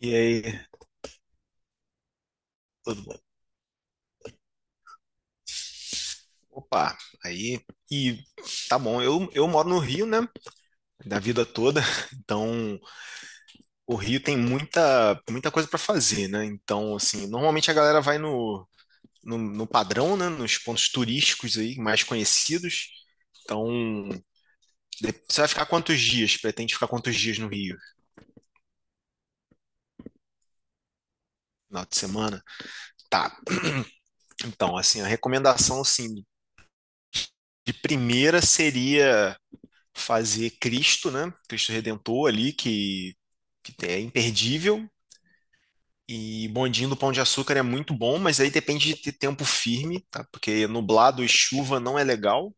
E aí, tudo bom? Opa, aí, e tá bom, eu moro no Rio, né, da vida toda, então o Rio tem muita, muita coisa pra fazer, né, então, assim, normalmente a galera vai no padrão, né, nos pontos turísticos aí, mais conhecidos, então, você vai ficar quantos dias? Pretende ficar quantos dias no Rio? Final de semana? Tá, então, assim, a recomendação, assim, de primeira seria fazer Cristo, né? Cristo Redentor ali, que é imperdível. E bondinho do Pão de Açúcar é muito bom, mas aí depende de ter tempo firme, tá? Porque nublado e chuva não é legal.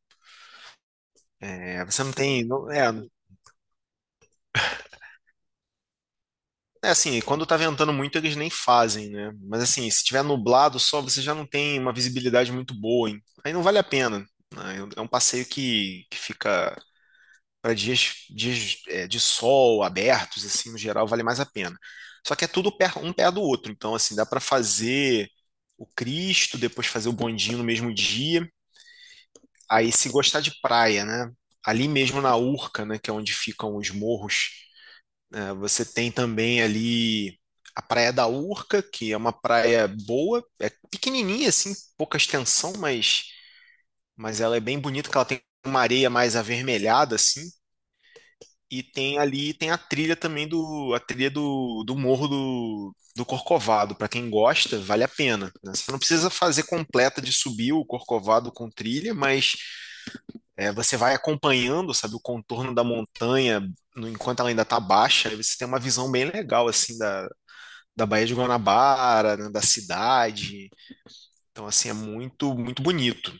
É, você não tem, é assim, quando tá ventando muito, eles nem fazem, né? Mas assim, se tiver nublado só, você já não tem uma visibilidade muito boa, hein? Aí não vale a pena, né? É um passeio que fica para dias de sol abertos, assim, no geral, vale mais a pena. Só que é tudo um pé do outro, então, assim, dá para fazer o Cristo, depois fazer o bondinho no mesmo dia. Aí, se gostar de praia, né? Ali mesmo na Urca, né, que é onde ficam os morros, né, você tem também ali a Praia da Urca, que é uma praia boa, é pequenininha, assim, pouca extensão, mas ela é bem bonita, que ela tem uma areia mais avermelhada, assim. E tem ali, tem a trilha também a trilha do Morro do Corcovado. Para quem gosta, vale a pena, né? Você não precisa fazer completa de subir o Corcovado com trilha, mas você vai acompanhando, sabe, o contorno da montanha enquanto ela ainda está baixa. Aí você tem uma visão bem legal, assim, da Baía de Guanabara, né, da cidade. Então, assim, é muito, muito bonito.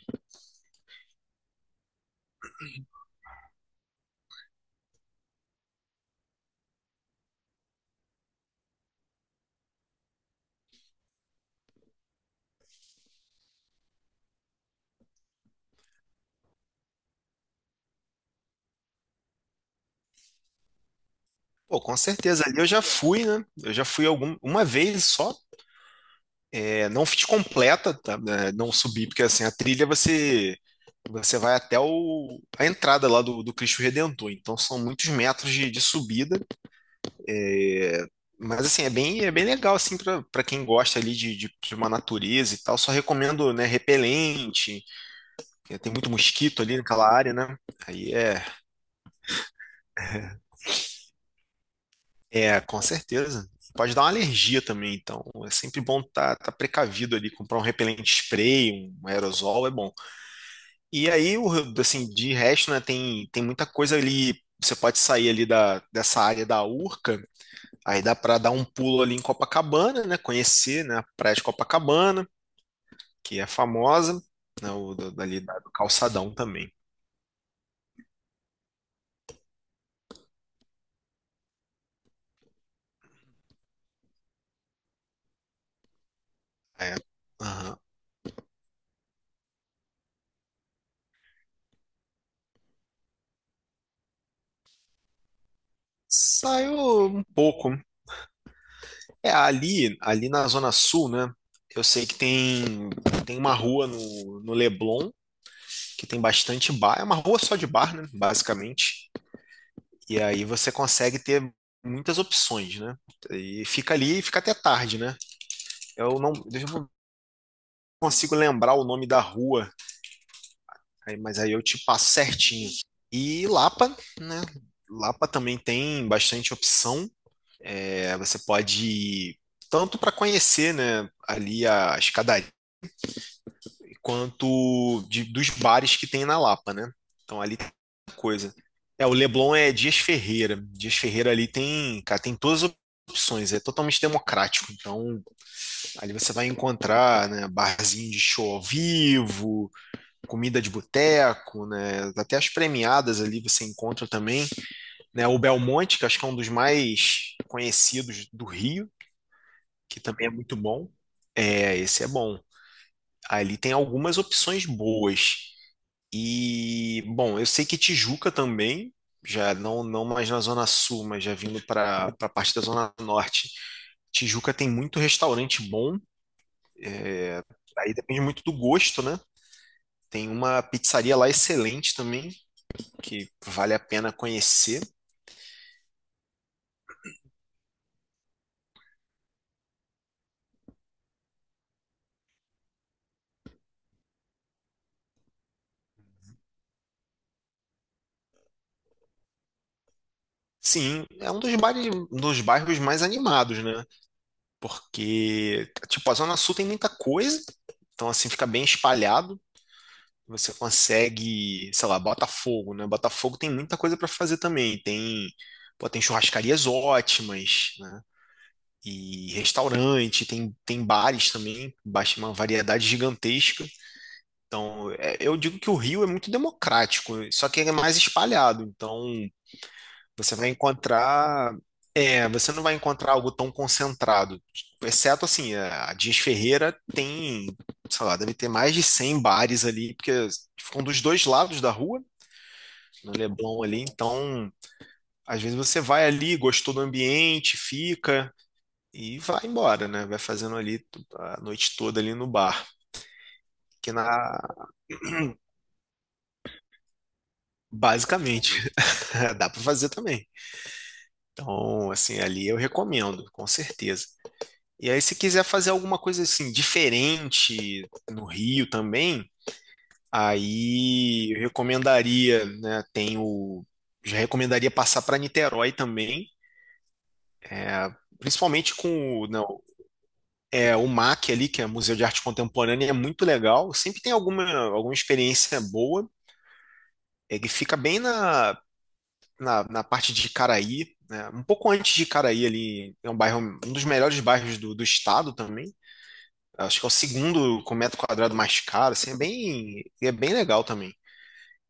Pô, com certeza ali eu já fui, né? Eu já fui uma vez só. É, não fiz completa, tá? É, não subi, porque assim, a trilha você vai até a entrada lá do Cristo Redentor, então são muitos metros de subida, é, mas assim, é bem legal assim para quem gosta ali de uma natureza e tal, só recomendo, né, repelente, que tem muito mosquito ali naquela área, né? Aí é, com certeza. Pode dar uma alergia também, então é sempre bom tá precavido ali, comprar um repelente spray, um aerosol é bom. E aí, assim, de resto, né, tem, tem muita coisa ali. Você pode sair ali dessa área da Urca, aí dá para dar um pulo ali em Copacabana, né, conhecer, né, a Praia de Copacabana, que é famosa, né, dali do Calçadão também. É. Aham. Saiu um pouco. É, ali na Zona Sul, né, eu sei que tem uma rua no Leblon, que tem bastante bar. É uma rua só de bar, né, basicamente. E aí você consegue ter muitas opções, né? E fica ali e fica até tarde, né? Eu não consigo lembrar o nome da rua, mas aí eu te passo certinho. E Lapa, né? Lapa também tem bastante opção. É, você pode ir tanto para conhecer, né, ali a escadaria quanto dos bares que tem na Lapa, né? Então ali tem coisa. É, o Leblon é Dias Ferreira. Dias Ferreira ali tem, cara, tem todas as opções, é totalmente democrático. Então ali você vai encontrar, né, barzinho de show ao vivo, comida de boteco, né? Até as premiadas ali você encontra também, né? O Belmonte, que acho que é um dos mais conhecidos do Rio, que também é muito bom. É, esse é bom. Ali tem algumas opções boas. E, bom, eu sei que Tijuca também, já não mais na Zona Sul, mas já vindo para a parte da Zona Norte. Tijuca tem muito restaurante bom, aí depende muito do gosto, né? Tem uma pizzaria lá excelente também, que vale a pena conhecer. Sim, é um dos bairros mais animados, né? Porque, tipo, a Zona Sul tem muita coisa, então, assim, fica bem espalhado. Você consegue, sei lá, Botafogo, né? Botafogo tem muita coisa para fazer também. Tem, pô, tem churrascarias ótimas, né? E restaurante, tem bares também, baixa uma variedade gigantesca. Então, eu digo que o Rio é muito democrático, só que ele é mais espalhado. Então, você vai encontrar, você não vai encontrar algo tão concentrado. Exceto assim, a Dias Ferreira tem sei lá, deve ter mais de 100 bares ali, porque ficam dos dois lados da rua, no Leblon ali. Então, às vezes você vai ali, gostou do ambiente, fica e vai embora, né? Vai fazendo ali a noite toda ali no bar, que na basicamente dá para fazer também. Então, assim, ali eu recomendo, com certeza. E aí, se quiser fazer alguma coisa assim diferente no Rio também, aí eu recomendaria, né? Já recomendaria passar para Niterói também, principalmente com né, o MAC ali, que é Museu de Arte Contemporânea, é muito legal. Sempre tem alguma experiência boa. Ele fica bem na parte de Caraí, né? Um pouco antes de Caraí ali, é um bairro, um dos melhores bairros do estado também. Acho que é o segundo com metro quadrado mais caro, assim, é bem, legal também.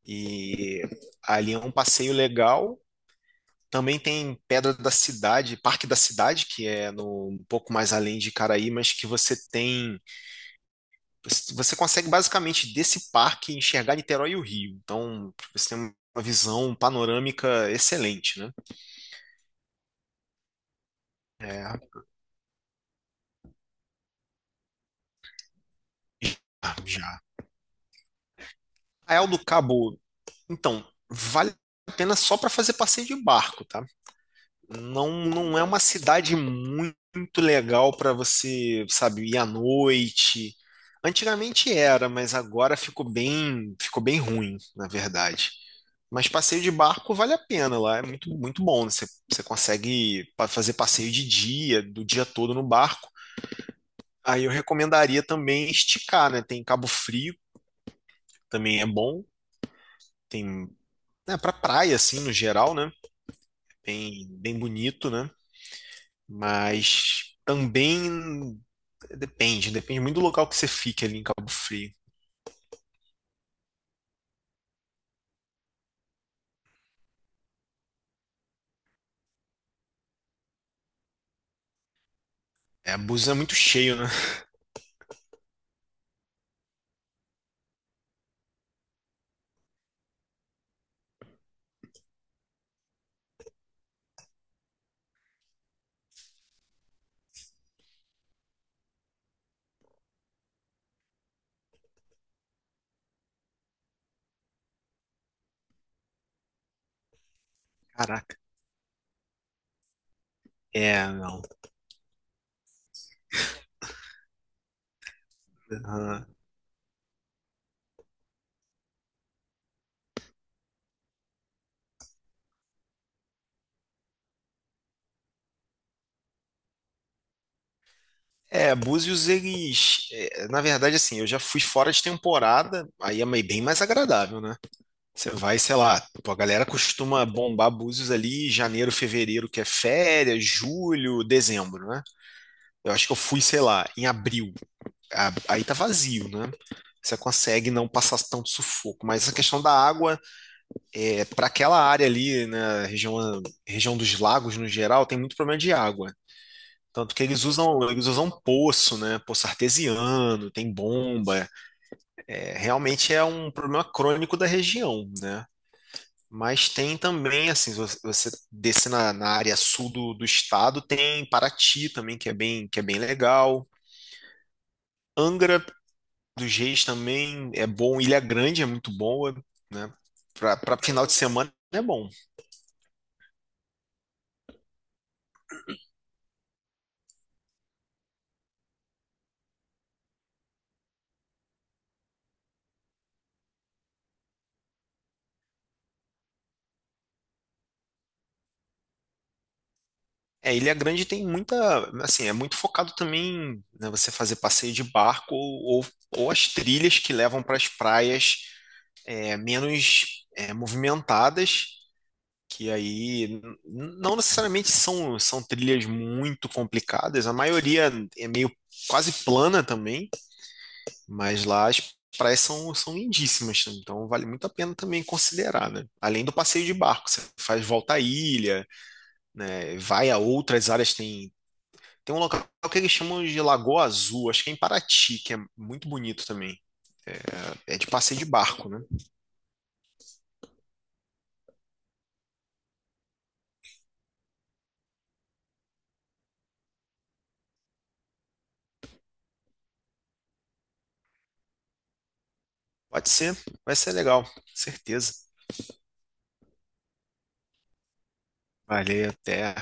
E ali é um passeio legal. Também tem Pedra da Cidade, Parque da Cidade, que é no, um pouco mais além de Caraí, mas que você consegue basicamente desse parque enxergar Niterói e o Rio. Então, você tem uma visão panorâmica excelente, né? É, já. Arraial do Cabo, então, vale a pena só para fazer passeio de barco, tá? Não, não é uma cidade muito legal para você, sabe, ir à noite. Antigamente era, mas agora ficou bem ruim, na verdade. Mas passeio de barco vale a pena lá, é muito, muito bom, né? Você consegue fazer passeio de dia, do dia todo no barco. Aí eu recomendaria também esticar, né? Tem Cabo Frio, também é bom. Tem, né, pra praia, assim, no geral, né? Bem, bem bonito, né? Mas também depende muito do local que você fique ali em Cabo Frio. É, Búzios é muito cheio, né? Caraca. É, não. É, Búzios, na verdade, assim, eu já fui fora de temporada, aí é bem mais agradável, né? Você vai, sei lá, pô, a galera costuma bombar Búzios ali em janeiro, fevereiro, que é férias, julho, dezembro, né? Eu acho que eu fui, sei lá, em abril. Aí tá vazio, né? Você consegue não passar tanto sufoco. Mas a questão da água, é, para aquela área ali, na região, dos lagos no geral, tem muito problema de água. Tanto que eles usam poço, né? Poço artesiano, tem bomba. É, realmente é um problema crônico da região, né? Mas tem também, assim, se você descer na área sul do estado, tem Paraty também, que é bem legal. Angra dos Reis também é bom. Ilha Grande é muito boa, né? Para final de semana é bom. É, Ilha Grande tem muita, assim, é muito focado também, né, você fazer passeio de barco ou as trilhas que levam para as praias menos movimentadas, que aí não necessariamente são trilhas muito complicadas, a maioria é meio quase plana também, mas lá as praias são lindíssimas, então vale muito a pena também considerar, né? Além do passeio de barco, você faz volta à ilha, né, vai a outras áreas, tem um local que eles chamam de Lagoa Azul, acho que é em Paraty, que é muito bonito também. É de passeio de barco, né? Pode ser, vai ser legal, certeza. Valeu, até.